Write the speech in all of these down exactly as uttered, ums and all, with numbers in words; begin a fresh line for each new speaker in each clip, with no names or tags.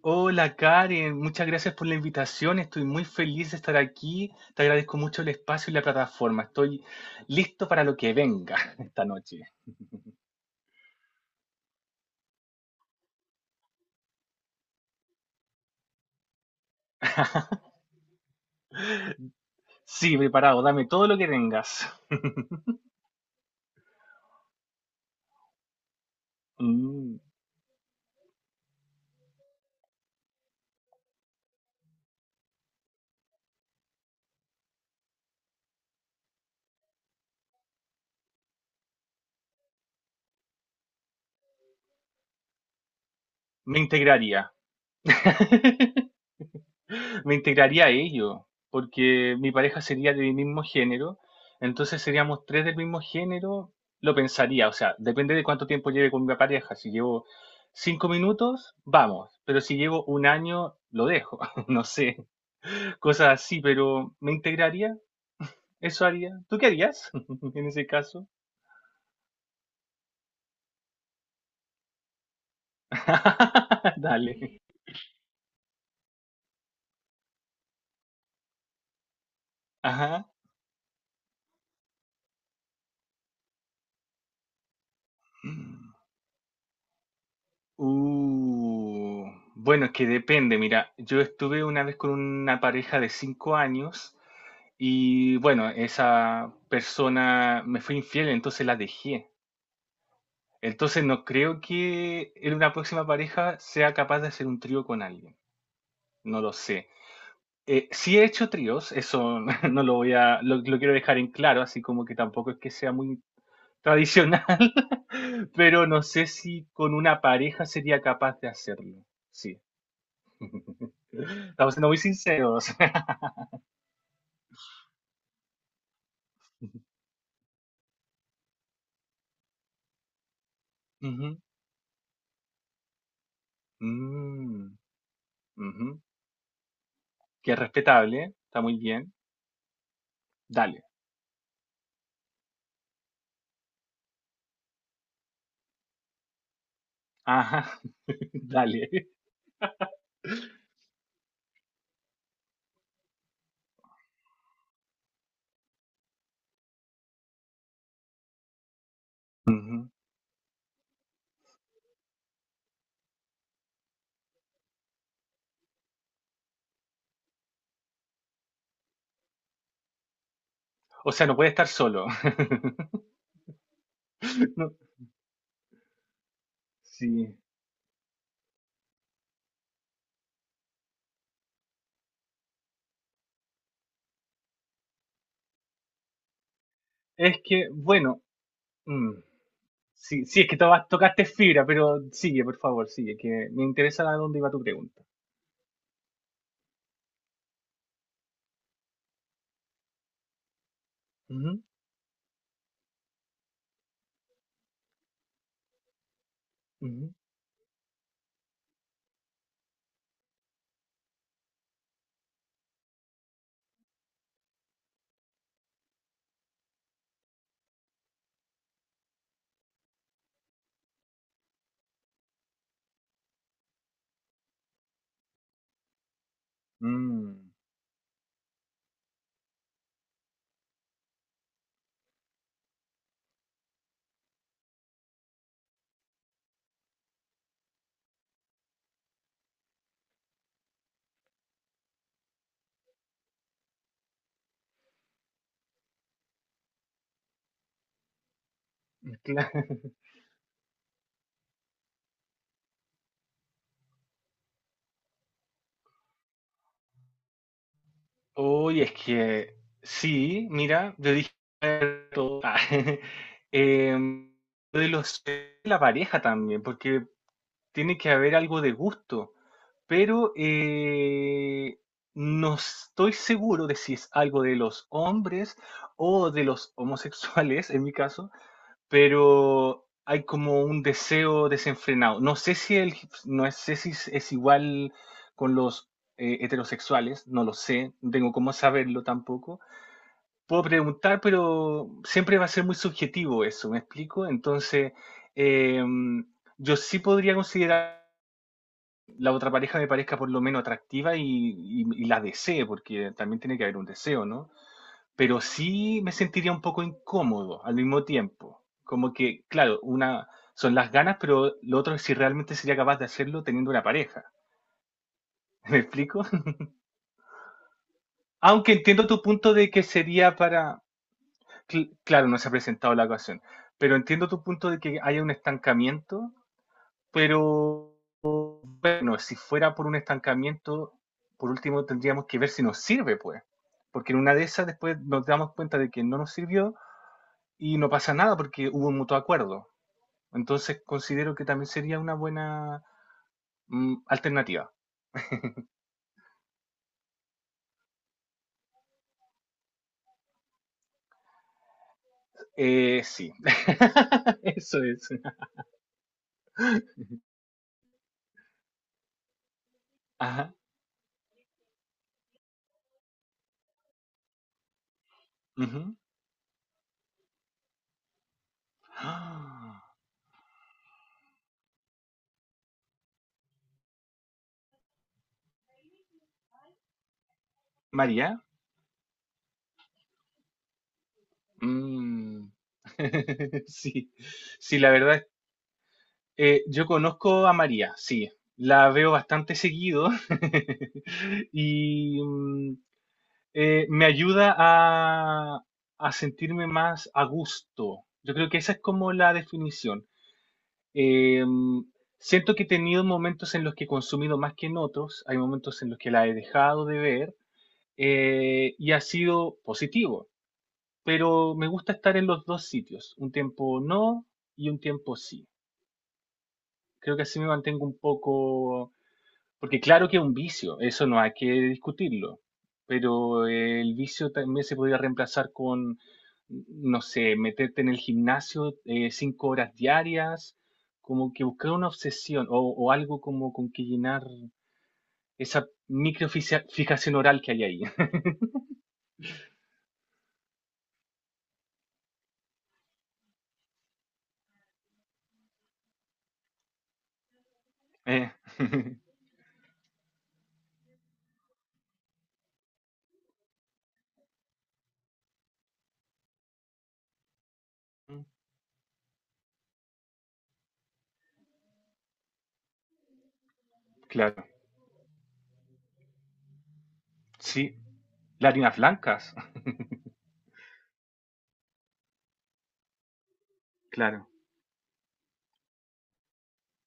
Hola Karen, muchas gracias por la invitación. Estoy muy feliz de estar aquí. Te agradezco mucho el espacio y la plataforma. Estoy listo para lo que venga esta noche. Sí, preparado. Dame todo lo que tengas. Mm, Me integraría. Me integraría a ellos, porque mi pareja sería de mi mismo género, entonces seríamos tres del mismo género. Lo pensaría, o sea, depende de cuánto tiempo lleve con mi pareja. Si llevo cinco minutos, vamos, pero si llevo un año, lo dejo, no sé, cosas así, pero me integraría, eso haría. ¿Tú qué harías en ese caso? Dale. Ajá. Uh, bueno, es que depende. Mira, yo estuve una vez con una pareja de cinco años. Y bueno, esa persona me fue infiel, entonces la dejé. Entonces no creo que en una próxima pareja sea capaz de hacer un trío con alguien. No lo sé. Eh, sí he hecho tríos, eso no lo voy a, lo, lo quiero dejar en claro, así como que tampoco es que sea muy tradicional, pero no sé si con una pareja sería capaz de hacerlo. Sí, estamos siendo muy sinceros. Ujú. Mm. Ujú. Que es respetable, está muy bien. Dale. Ajá. Dale. Ujú. O sea, no puede estar solo. No, sí. Es que, bueno, mm, sí, sí, es que to- tocaste fibra, pero sigue, por favor, sigue, que me interesa a dónde iba tu pregunta. Ujú. Ujú. Mm, cla- Uy, es que sí, mira, yo dije todo. Ah, em, lo de los la pareja también, porque tiene que haber algo de gusto. Pero eh, no estoy seguro de si es algo de los hombres o de los homosexuales, en mi caso, pero hay como un deseo desenfrenado. No sé si, el, no sé si es, es igual con los eh, heterosexuales, no lo sé, no tengo cómo saberlo tampoco. Puedo preguntar, pero siempre va a ser muy subjetivo eso, ¿me explico? Entonces, eh, yo sí podría considerar la otra pareja me parezca por lo menos atractiva y, y- y la desee, porque también tiene que haber un deseo, ¿no? Pero sí me sentiría un poco incómodo al mismo tiempo. Como que, claro, una son las ganas, pero lo otro es si realmente sería capaz de hacerlo teniendo una pareja. ¿Me explico? Aunque entiendo tu punto de que sería para, cl- claro, no se ha presentado la ocasión, pero entiendo tu punto de que haya un estancamiento, pero bueno, si fuera por un estancamiento, por último tendríamos que ver si nos sirve, pues. Porque en una de esas después nos damos cuenta de que no nos sirvió y no pasa nada porque hubo un mutuo acuerdo. Entonces considero que también sería una buena mm, alternativa. Eh, sí, eso es. Ajá. Ujú. Ah, María. Mm. Sí, sí, la verdad. Eh, yo conozco a María, sí. La veo bastante seguido y mm, eh, me ayuda a, a sentirme más a gusto. Yo creo que esa es como la definición. Eh, mm, Siento que he tenido momentos en los que he consumido más que en otros, hay momentos en los que la he dejado de ver eh, y ha sido positivo, pero me gusta estar en los dos sitios, un tiempo no y un tiempo sí. Creo que así me mantengo un poco. Porque claro que es un vicio, eso no hay que discutirlo, pero eh, el vicio también se podría reemplazar con, no sé, meterte en el gimnasio eh, cinco horas diarias, como que buscar una obsesión o, o algo como con que llenar esa microficia- fijación oral que hay ahí. Eh, claro, sí, las harinas blancas, claro,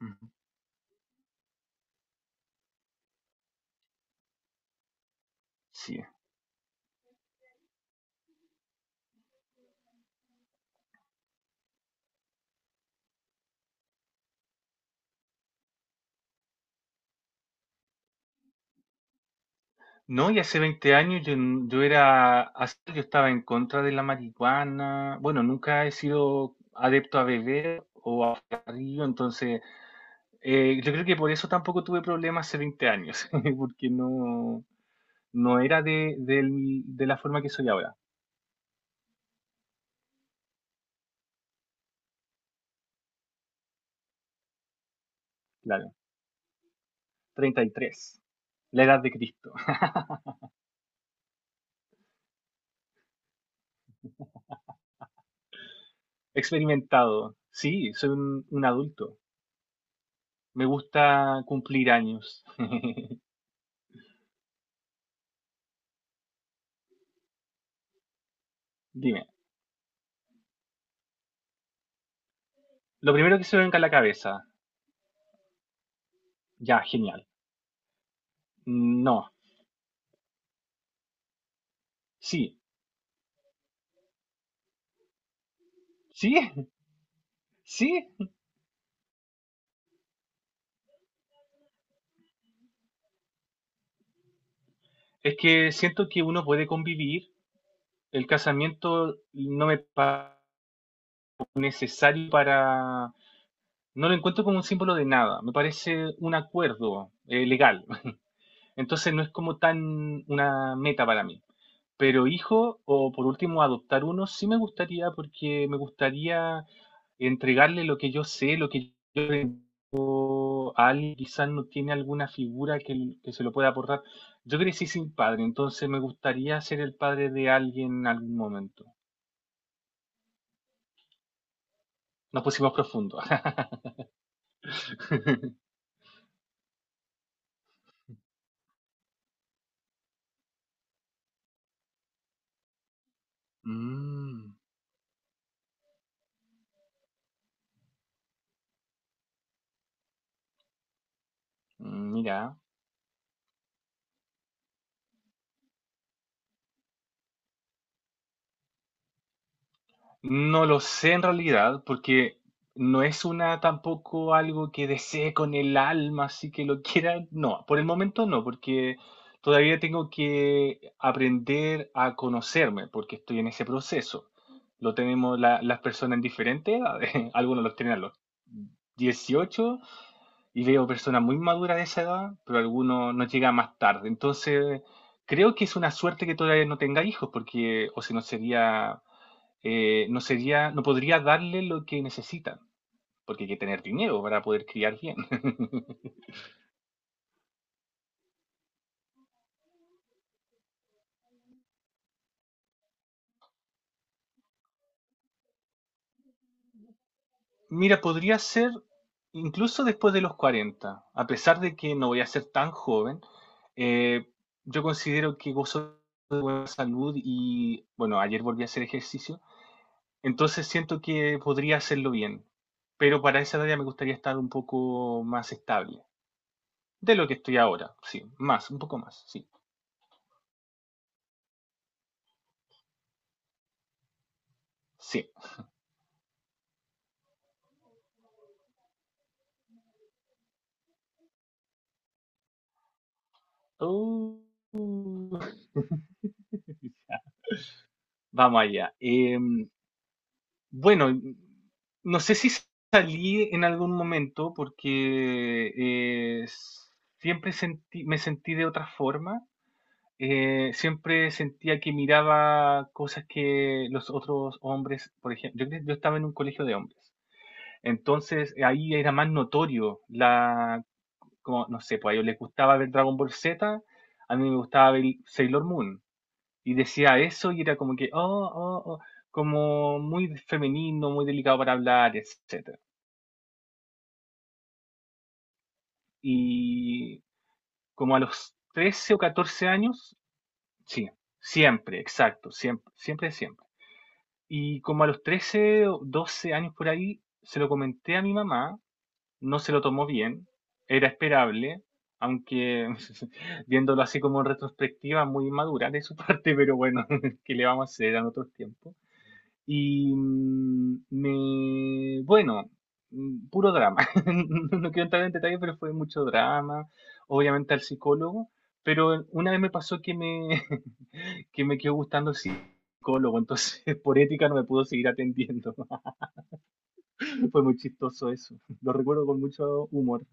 ujú, sí. No, y hace veinte años yo, n- yo era, as- yo estaba en contra de la marihuana. Bueno, nunca he sido adepto a beber, a río, entonces eh, yo creo que por eso tampoco tuve problemas hace veinte años, porque no, no era de, del- de la forma que soy ahora, claro. Treinta y tres, la edad de Cristo. Experimentado, sí, soy un, un adulto. Me gusta cumplir años. Dime, lo primero que se me venga a la cabeza, ya, genial. No, sí. Sí, sí. Es que siento que uno puede convivir. El casamiento no me parece necesario para. No lo encuentro como un símbolo de nada. Me parece un acuerdo eh, legal. Entonces no es como tan una meta para mí. Pero hijo, o por último adoptar uno, sí me gustaría porque me gustaría entregarle lo que yo sé, lo que yo a alguien quizás no tiene alguna figura que, que se lo pueda aportar. Yo crecí sin padre, entonces me gustaría ser el padre de alguien en algún momento. Nos pusimos profundo. Mm, Mira. No lo sé en realidad, porque no es una tampoco algo que desee con el alma, así que lo quiera. No, por el momento no, porque todavía tengo que aprender a conocerme, porque estoy en ese proceso. Lo tenemos la- las personas en diferentes edades. Algunos los tienen a los dieciocho y veo personas muy maduras de esa edad, pero algunos nos llegan más tarde. Entonces, creo que es una suerte que todavía no tenga hijos, porque o si no sería eh, no sería, no podría darle lo que necesitan, porque hay que tener dinero para poder criar bien. Mira, podría ser incluso después de los cuarenta a pesar de que no voy a ser tan joven. eh, yo considero que gozo de buena salud y, bueno, ayer volví a hacer ejercicio, entonces siento que podría hacerlo bien, pero para esa edad ya me gustaría estar un poco más estable, de lo que estoy ahora, sí, más, un poco más, sí, sí. Uh. Vamos allá. Eh, bueno, no sé si salí en algún momento porque eh, s- siempre sentí, me sentí de otra forma. Eh, siempre sentía que miraba cosas que los otros hombres, por ejemplo, yo, cre- yo estaba en un colegio de hombres. Entonces eh, ahí era más notorio la, como, no sé, pues a ellos les gustaba ver Dragon Ball Z, a mí me gustaba ver Sailor Moon. Y decía eso y era como que, oh, oh, oh, como muy femenino, muy delicado para hablar, etcétera. Y como a los trece o catorce años, sí, siempre, exacto, siempre, siempre, siempre. Y como a los trece o doce años por ahí, se lo comenté a mi mamá, no se lo tomó bien, era esperable, aunque viéndolo así como en retrospectiva, muy inmadura de su parte, pero bueno, ¿qué le vamos a hacer en otros tiempos? Y mm, me, bueno, mm, puro drama. No, no quiero entrar en detalle, pero fue mucho drama. Obviamente al psicólogo, pero una vez me pasó que me, que me quedó gustando el psicólogo, entonces por ética no me pudo seguir atendiendo. Fue muy chistoso eso. Lo recuerdo con mucho humor.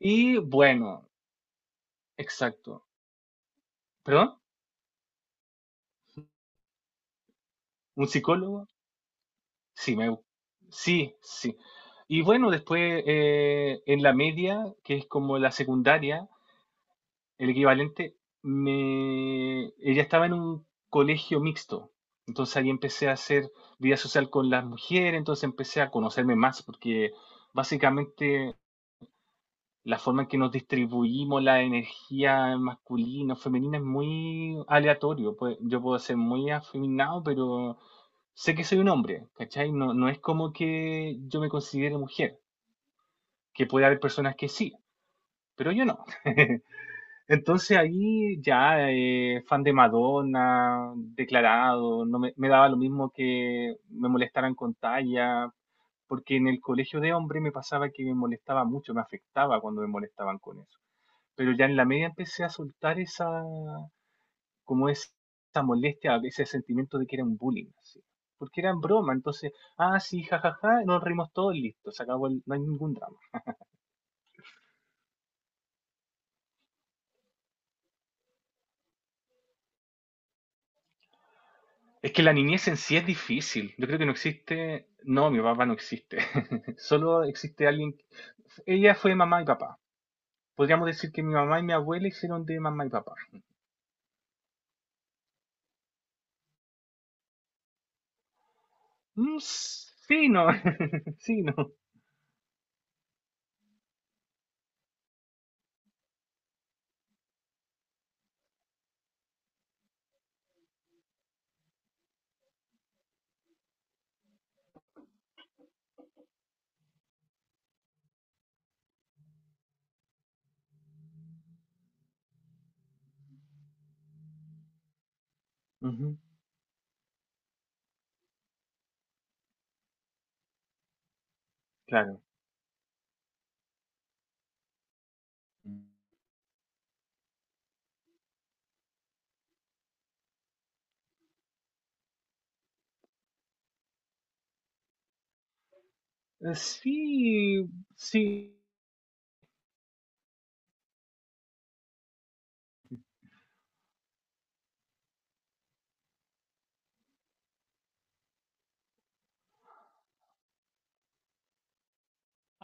Y bueno, exacto. ¿Perdón? ¿Un psicólogo? Sí, me, sí, sí. Y bueno, después eh, en la media, que es como la secundaria, el equivalente, me, ella estaba en un colegio mixto. Entonces ahí empecé a hacer vida social con las mujeres, entonces empecé a conocerme más, porque básicamente la forma en que nos distribuimos la energía masculina o femenina es muy aleatorio. Pues, yo puedo ser muy afeminado, pero sé que soy un hombre, ¿cachai? No, no es como que yo me considere mujer, que puede haber personas que sí, pero yo no. Entonces ahí ya, eh, fan de Madonna, declarado, no me, me daba lo mismo que me molestaran con talla, porque en el colegio de hombre me pasaba que me molestaba mucho, me afectaba cuando me molestaban con eso. Pero ya en la media empecé a soltar esa, como es- esa molestia, ese sentimiento de que era un bullying, así. Porque era en broma, entonces, ah, sí, jajaja, nos reímos todos, listo, se acabó, el- no hay ningún drama. Es que la niñez en sí es difícil. Yo creo que no existe. No, mi papá no existe. Solo existe alguien. Ella fue mamá y papá. Podríamos decir que mi mamá y mi abuela hicieron de mamá y papá. Mm, s- sí, no. Sí, no. Ujú, claro. Eh, Sí, sí.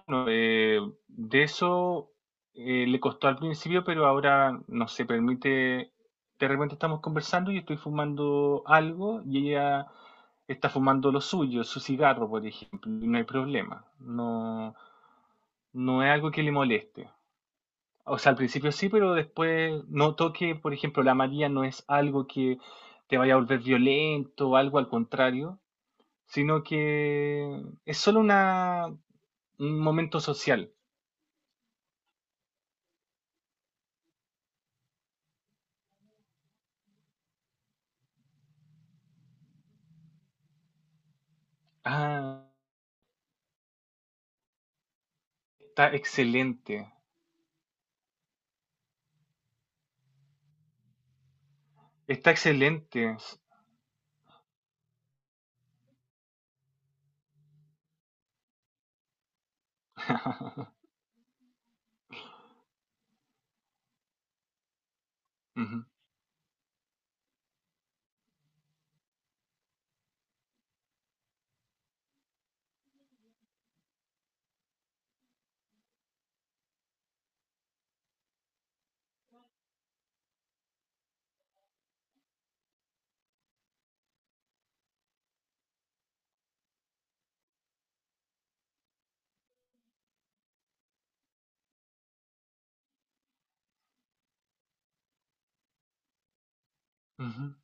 Bueno, eh, de eso eh, le costó al principio, pero ahora no se permite. De repente estamos conversando y estoy fumando algo y ella está fumando lo suyo, su cigarro, por ejemplo, y no hay problema. No, no es algo que le moleste. O sea, al principio sí, pero después noto que, por ejemplo, la María no es algo que te vaya a volver violento o algo al contrario, sino que es solo una, un momento social. Ah, está excelente. Está excelente. Ujú. Ujú.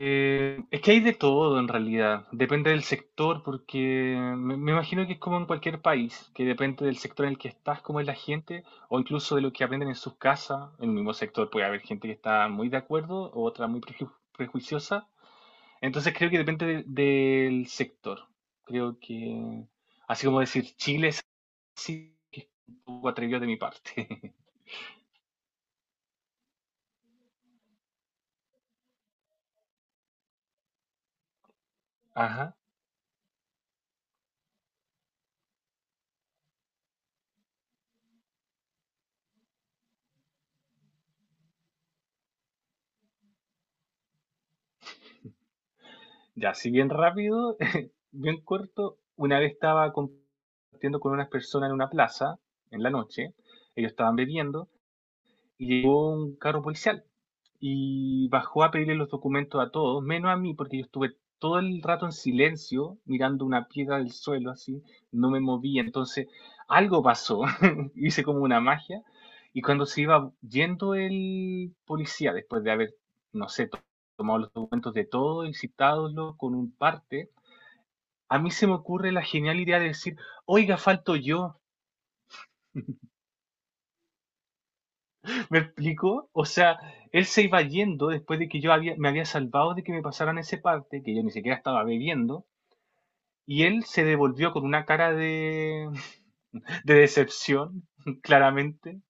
Eh, es que hay de todo en realidad. Depende del sector, porque me, me imagino que es como en cualquier país, que depende del sector en el que estás, cómo es la gente, o incluso de lo que aprenden en sus casas. En el mismo sector puede haber gente que está muy de acuerdo, o otra muy preju- prejuiciosa. Entonces creo que depende de- del sector. Creo que, así como decir Chile es así, que es un poco atrevido de mi parte. Ajá. Ya, así bien rápido, bien corto. Una vez estaba compartiendo con unas personas en una plaza, en la noche. Ellos estaban bebiendo y llegó un carro policial y bajó a pedirle los documentos a todos, menos a mí, porque yo estuve todo el rato en silencio, mirando una piedra del suelo, así, no me movía. Entonces, algo pasó, hice como una magia, y cuando se iba yendo el policía, después de haber, no sé, to- tomado los documentos de todo y citándolo con un parte, a mí se me ocurre la genial idea de decir, oiga, falto yo. ¿Me explico? O sea, él se iba yendo después de que yo había, me había salvado de que me pasaran ese parte, que yo ni siquiera estaba bebiendo, y él se devolvió con una cara de, de decepción, claramente,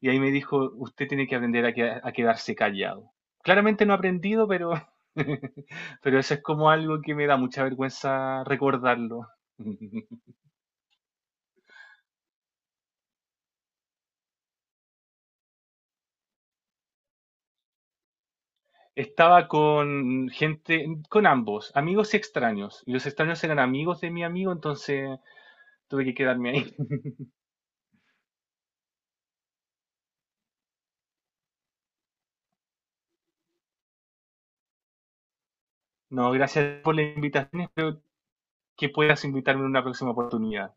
y ahí me dijo, usted tiene que aprender a, queda- a quedarse callado. Claramente no he aprendido, pero, pero eso es como algo que me da mucha vergüenza recordarlo. Estaba con gente, con ambos, amigos y extraños. Y los extraños eran amigos de mi amigo, entonces tuve que quedarme ahí. No, gracias por la invitación. Espero que puedas invitarme en una próxima oportunidad.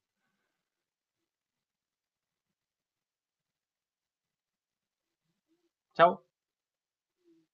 Chao.